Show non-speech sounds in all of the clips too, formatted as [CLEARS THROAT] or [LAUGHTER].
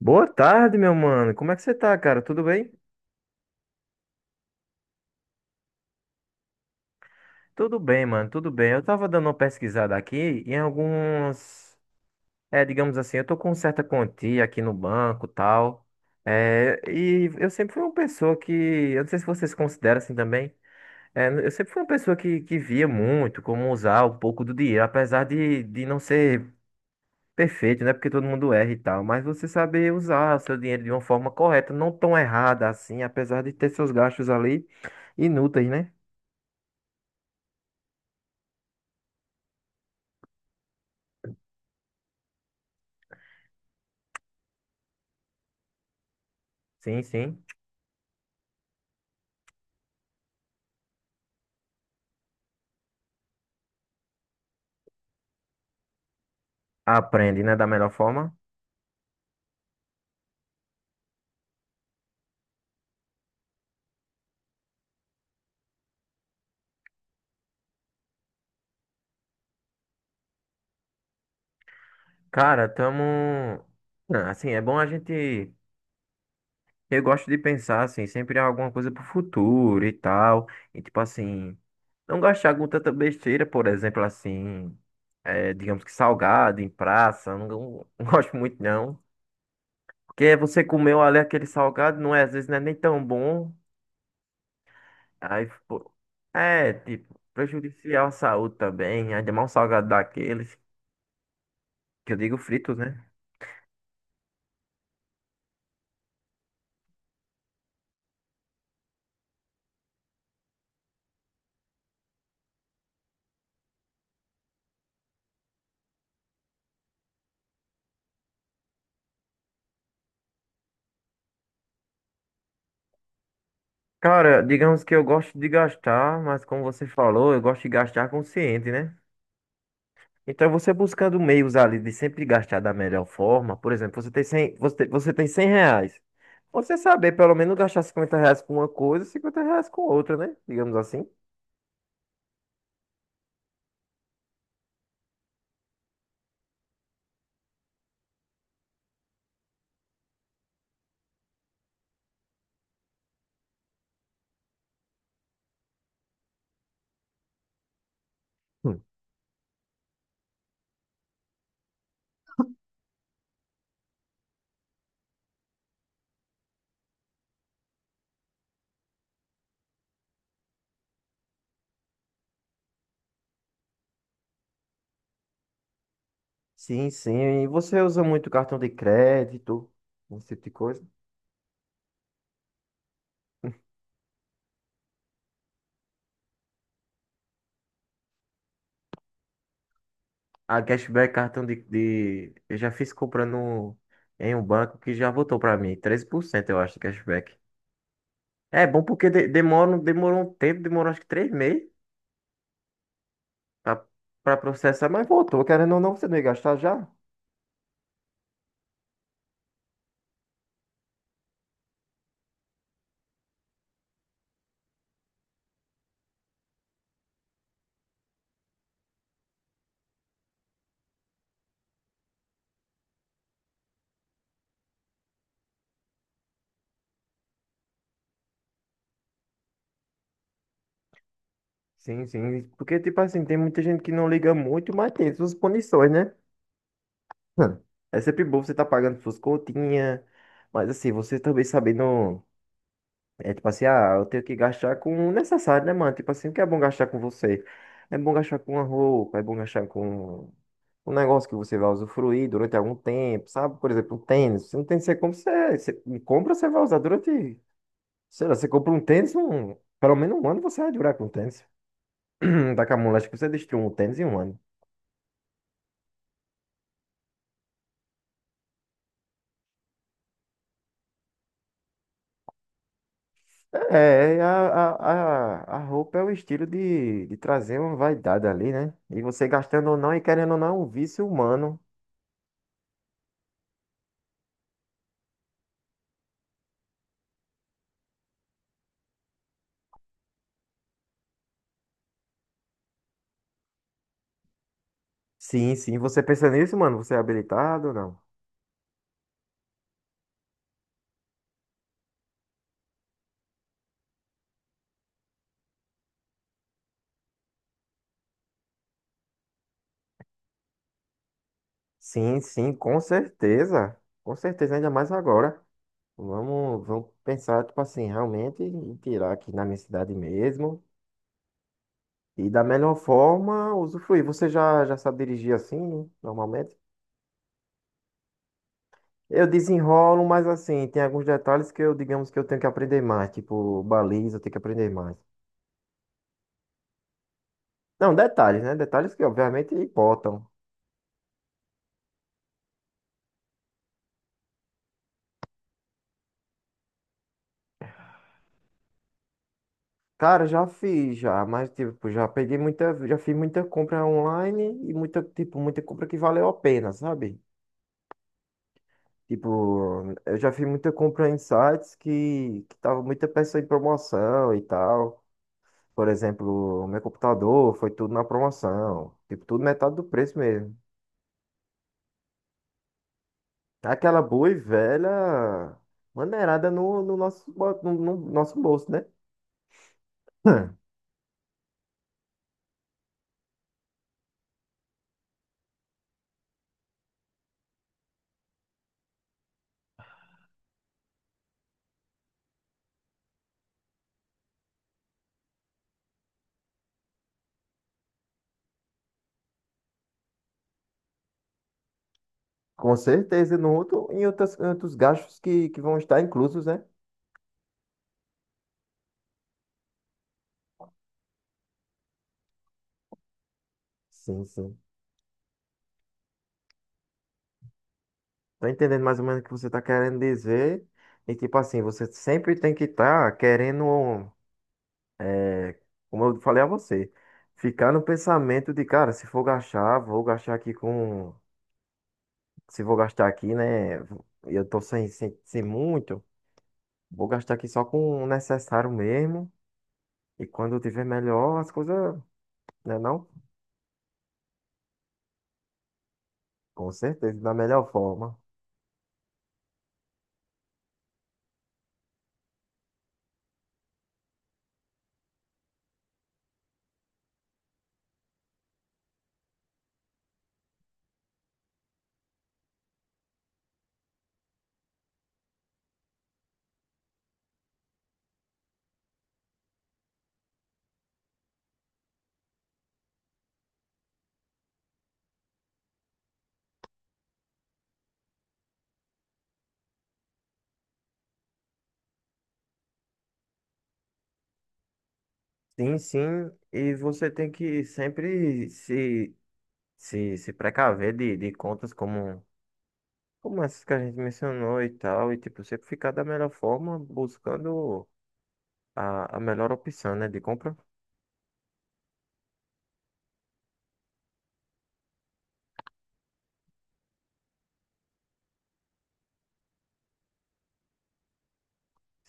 Boa tarde, meu mano. Como é que você tá, cara? Tudo bem? Tudo bem, mano, tudo bem. Eu tava dando uma pesquisada aqui em alguns. É, digamos assim, eu tô com certa quantia aqui no banco tal. É, e eu sempre fui uma pessoa que. Eu não sei se vocês consideram assim também. É, eu sempre fui uma pessoa que via muito como usar um pouco do dinheiro, apesar de não ser perfeito, né? Porque todo mundo erra e tal. Mas você saber usar o seu dinheiro de uma forma correta, não tão errada assim, apesar de ter seus gastos ali inúteis, né? Sim, sim. Aprende, né, da melhor forma. Cara, tamo. Ah, assim, é bom a gente. Eu gosto de pensar, assim, sempre em alguma coisa pro futuro e tal. E, tipo assim, não gastar com tanta besteira, por exemplo, assim, é, digamos que salgado em praça. Não, não [LAUGHS] não gosto muito, não. Porque você comeu ali aquele salgado, não é? Às vezes não é nem tão bom. Aí, pô, é, tipo, prejudicial à saúde também. Ainda mais um salgado daqueles, que eu digo fritos, né? Cara, digamos que eu gosto de gastar, mas como você falou, eu gosto de gastar consciente, né? Então você buscando meios ali de sempre gastar da melhor forma, por exemplo, você tem 100, você tem 100 reais. Você saber pelo menos gastar 50 reais com uma coisa, 50 reais com outra, né? Digamos assim. Hum. Sim, sim. E você usa muito cartão de crédito, esse tipo de coisa. A cashback, cartão de... Eu já fiz comprando em um banco que já voltou pra mim, 13%, eu acho, de cashback. É bom porque demora, demorou um tempo, demorou acho que 3 meses pra, pra processar, mas voltou. Querendo ou não, você não ia gastar já? Sim, sim. Porque, tipo assim, tem muita gente que não liga muito, mas tem suas punições, né? Hum. É sempre bom você tá pagando suas continhas, mas assim, você também sabendo. É tipo assim, ah, eu tenho que gastar com o necessário, né, mano? Tipo assim, o que é bom gastar com você? É bom gastar com uma roupa, é bom gastar com um negócio que você vai usufruir durante algum tempo, sabe? Por exemplo, um tênis. Se um tênis você compra, você, é. Você compra, você vai usar durante. Sei lá, você compra um tênis, um, pelo menos um ano você vai durar com o tênis. [CLEARS THROAT] Daqui a um moleque você destruiu um tênis em um ano. É, é, a roupa é o estilo de trazer uma vaidade ali, né? E você gastando ou não e querendo ou não, é um vício humano. Sim, sim. Você pensa nisso, mano? Você é habilitado ou não? Sim, sim, com certeza. Com certeza, ainda mais agora. Vamos pensar, tipo assim, realmente em tirar aqui na minha cidade mesmo. E da melhor forma, usufruir. Você já sabe dirigir assim, normalmente? Eu desenrolo, mas assim, tem alguns detalhes que eu, digamos que eu tenho que aprender mais. Tipo, baliza, eu tenho que aprender mais. Não, detalhes, né? Detalhes que obviamente importam. Cara, já fiz já, mas tipo, já peguei muita, já fiz muita compra online e muita, tipo, muita compra que valeu a pena, sabe? Tipo, eu já fiz muita compra em sites que tava muita peça em promoção e tal. Por exemplo, meu computador foi tudo na promoção. Tipo, tudo metade do preço mesmo. Aquela boa e velha maneirada no, no nosso, no, no nosso bolso, né? [LAUGHS] Hum. Com certeza, no outro, em outras, em outros gastos que vão estar inclusos, né? Sim, sim. Tô entendendo mais ou menos o que você tá querendo dizer. E tipo assim, você sempre tem que estar querendo, é, como eu falei a você, ficar no pensamento de, cara, se for gastar, vou gastar aqui com. Se vou gastar aqui, né? Eu tô sem muito, vou gastar aqui só com o necessário mesmo. E quando eu tiver melhor, as coisas, né, não? Com certeza, da melhor forma. Sim, sim. E você tem que sempre se, se precaver de contas como. Como essas que a gente mencionou e tal, e tipo, sempre ficar da melhor forma, buscando a melhor opção, né, de compra.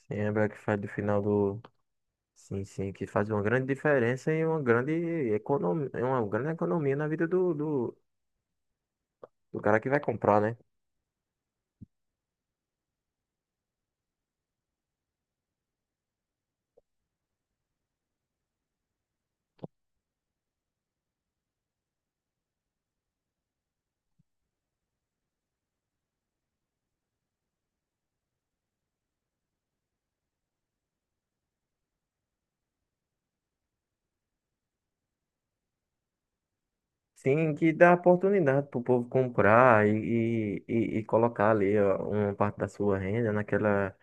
Sim, é Black Friday do final do. Sim, sim, que faz uma grande diferença e uma grande economia na vida do cara que vai comprar, né? Sim, que dá oportunidade pro povo comprar e colocar ali ó, uma parte da sua renda naquela,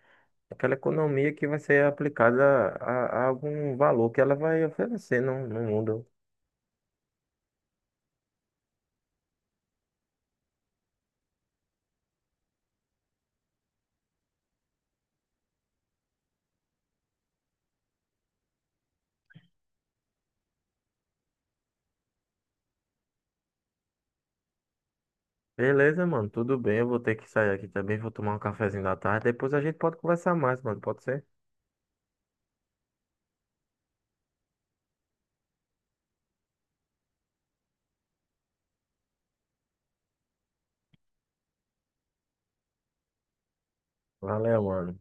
naquela economia que vai ser aplicada a algum valor que ela vai oferecer no, no mundo. Beleza, mano, tudo bem. Eu vou ter que sair aqui também, vou tomar um cafezinho da tarde. Depois a gente pode conversar mais, mano, pode ser? Valeu, mano.